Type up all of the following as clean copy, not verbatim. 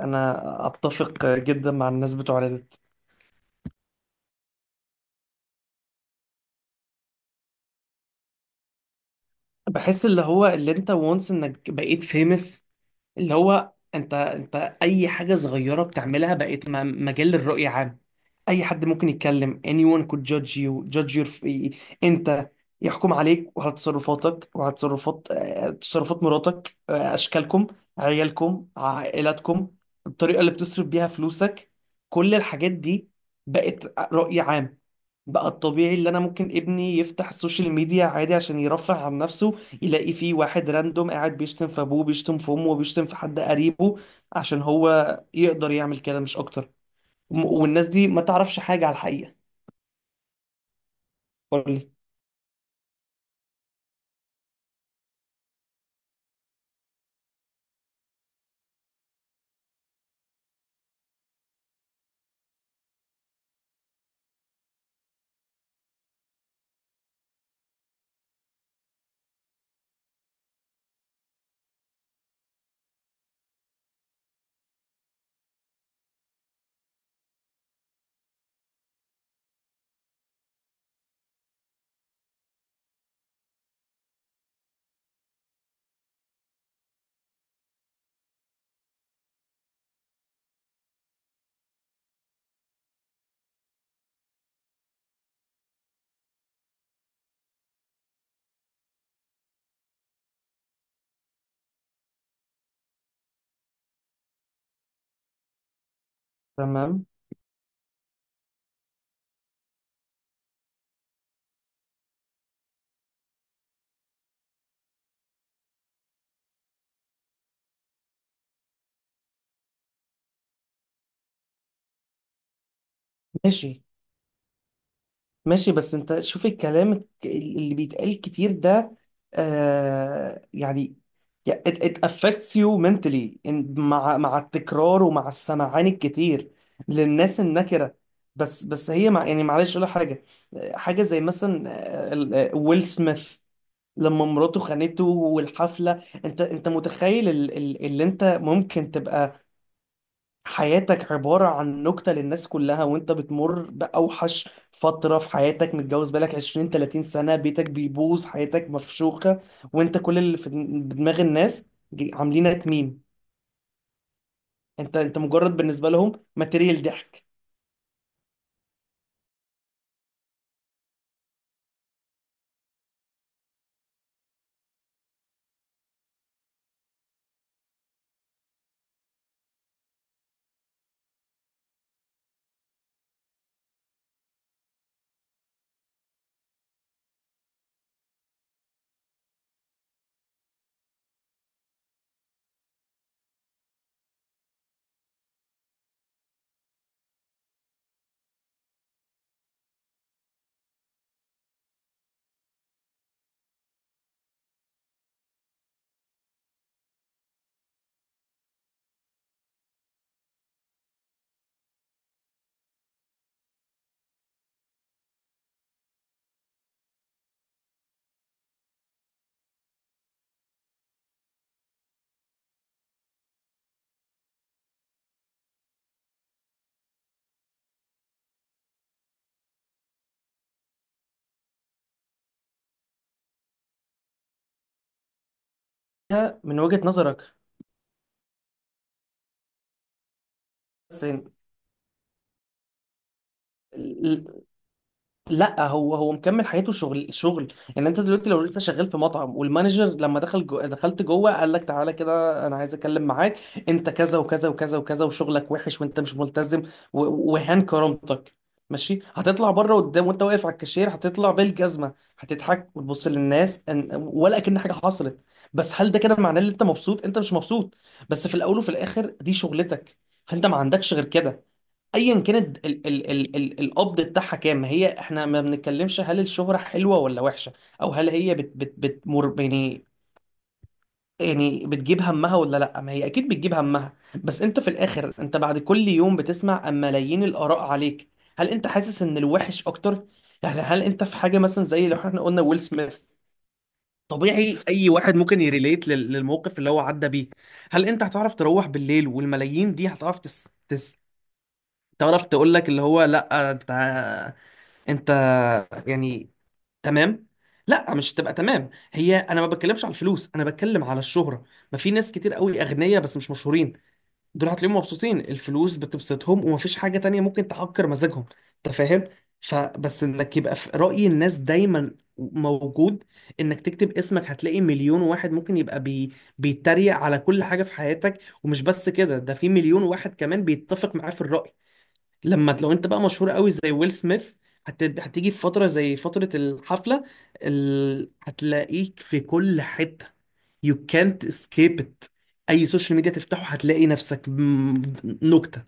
انا اتفق جدا مع الناس بتوع ريدت. بحس اللي هو اللي انت وانس انك بقيت فيمس، اللي هو انت اي حاجه صغيره بتعملها بقيت مجال للرؤيه عام. اي حد ممكن يتكلم. anyone could judge you judge your انت، يحكم عليك وعلى تصرفاتك وعلى تصرفات تصرفات مراتك، اشكالكم، عيالكم، عائلاتكم، الطريقه اللي بتصرف بيها فلوسك، كل الحاجات دي بقت رأي عام. بقى الطبيعي اللي انا ممكن ابني يفتح السوشيال ميديا عادي عشان يرفه عن نفسه، يلاقي فيه واحد راندوم قاعد بيشتم في ابوه، بيشتم في امه، وبيشتم في حد قريبه عشان هو يقدر يعمل كده مش اكتر. والناس دي ما تعرفش حاجة على الحقيقة. قولي. تمام. ماشي ماشي، بس انت شوف الكلام اللي بيتقال كتير ده، آه يعني، يا- it affects you mentally، مع مع التكرار ومع السمعان الكتير للناس النكرة. بس هي مع يعني، معلش اقول لك حاجة. حاجة زي مثلا ويل سميث لما مراته خانته والحفلة، انت متخيل اللي انت ممكن تبقى حياتك عبارة عن نكتة للناس كلها، وانت بتمر بأوحش فترة في حياتك، متجوز بقالك 20 30 سنة، بيتك بيبوظ، حياتك مفشوخة، وانت كل اللي في دماغ الناس، عاملينك ميم. انت مجرد بالنسبة لهم ماتيريال ضحك. ده من وجهة نظرك، بس لا، هو مكمل حياته شغل شغل. يعني انت دلوقتي لو لسه شغال في مطعم والمانجر لما دخل جو، دخلت جوه قال لك تعالى كده انا عايز اتكلم معاك، انت كذا وكذا وكذا وكذا وشغلك وحش وانت مش ملتزم، وهان كرامتك. ماشي، هتطلع بره قدام وانت واقف على الكاشير، هتطلع بالجزمه، هتضحك وتبص للناس ولا كأن حاجه حصلت. بس هل ده كده معناه ان انت مبسوط؟ انت مش مبسوط، بس في الاول وفي الاخر دي شغلتك، فانت ما عندكش غير كده. ايا كانت ال القبض بتاعها كام، هي احنا ما بنتكلمش هل الشهرة حلوة ولا وحشة، او هل هي بت بتمر يعني، يعني بتجيب همها ولا لا؟ ما هي اكيد بتجيب همها. بس انت في الاخر، انت بعد كل يوم بتسمع أم ملايين الاراء عليك. هل انت حاسس ان الوحش اكتر؟ يعني هل انت في حاجة مثلا زي لو احنا قلنا ويل سميث، طبيعي اي واحد ممكن يريليت للموقف اللي هو عدى بيه. هل انت هتعرف تروح بالليل والملايين دي هتعرف تعرف تقول لك اللي هو لا، انت، انت يعني. تمام. لا، مش تبقى تمام، هي انا ما بتكلمش على الفلوس، انا بتكلم على الشهرة. ما في ناس كتير قوي اغنياء بس مش مشهورين، دول هتلاقيهم مبسوطين، الفلوس بتبسطهم ومفيش حاجة تانية ممكن تعكر مزاجهم. انت فاهم؟ فبس انك يبقى في رأي الناس دايما موجود، انك تكتب اسمك هتلاقي مليون واحد ممكن يبقى بيتريق على كل حاجة في حياتك، ومش بس كده، ده في مليون واحد كمان بيتفق معاه في الرأي. لما لو انت بقى مشهور قوي زي ويل سميث، هتيجي في فترة زي فترة الحفلة، هتلاقيك في كل حتة. you can't escape it. اي سوشيال ميديا تفتحه هتلاقي نفسك نكتة.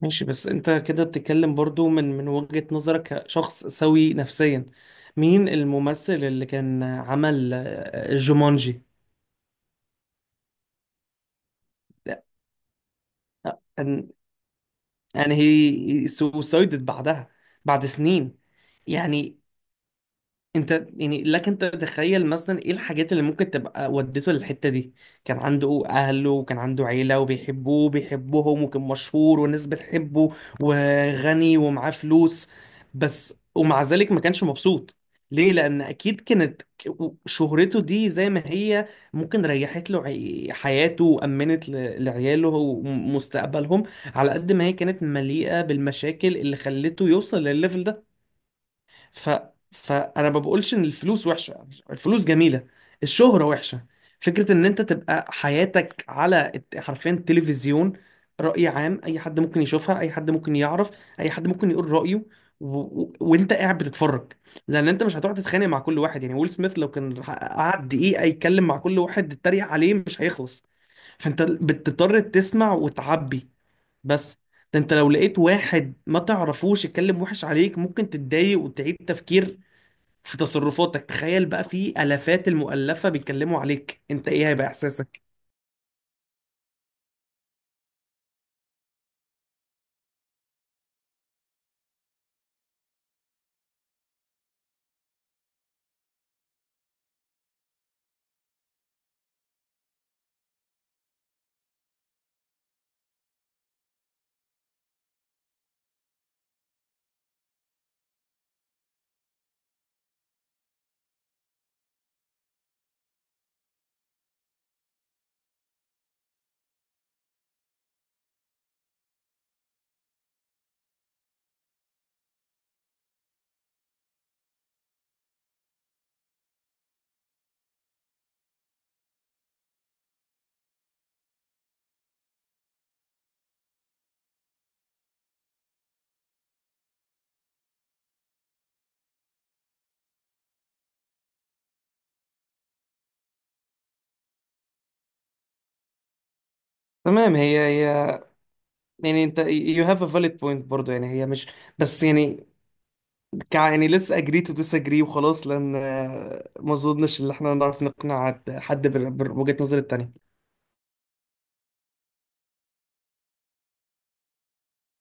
ماشي، بس انت كده بتتكلم برضو من وجهة نظرك كشخص سوي نفسيا. مين الممثل اللي كان عمل جومانجي؟ and and he suicided بعدها، بعد سنين. يعني انت، يعني لك انت تتخيل مثلا ايه الحاجات اللي ممكن تبقى ودته للحتة دي؟ كان عنده اهله وكان عنده عيلة وبيحبوه وبيحبهم، وكان مشهور والناس بتحبه، وغني ومعاه فلوس، بس ومع ذلك ما كانش مبسوط. ليه؟ لان اكيد كانت شهرته دي زي ما هي ممكن ريحت له حياته وامنت لعياله ومستقبلهم، على قد ما هي كانت مليئة بالمشاكل اللي خلته يوصل للليفل ده. ف... فانا ما بقولش ان الفلوس وحشه، الفلوس جميله. الشهره وحشه. فكره ان انت تبقى حياتك على حرفيا تلفزيون، راي عام، اي حد ممكن يشوفها، اي حد ممكن يعرف، اي حد ممكن يقول رايه، وانت قاعد بتتفرج، لان انت مش هتقعد تتخانق مع كل واحد. يعني ويل سميث لو كان قعد دقيقه يتكلم مع كل واحد تتريق عليه مش هيخلص، فانت بتضطر تسمع وتعبي. بس ده انت لو لقيت واحد ما تعرفوش يتكلم وحش عليك ممكن تتضايق وتعيد تفكير في تصرفاتك، تخيل بقى في آلافات المؤلفة بيتكلموا عليك انت، ايه هيبقى احساسك؟ تمام، هي يعني انت you have a valid point برضو، يعني هي مش، بس يعني، كع يعني let's agree to disagree وخلاص، لان ما اظنش ان احنا نعرف نقنع حد بوجهة نظر التانية.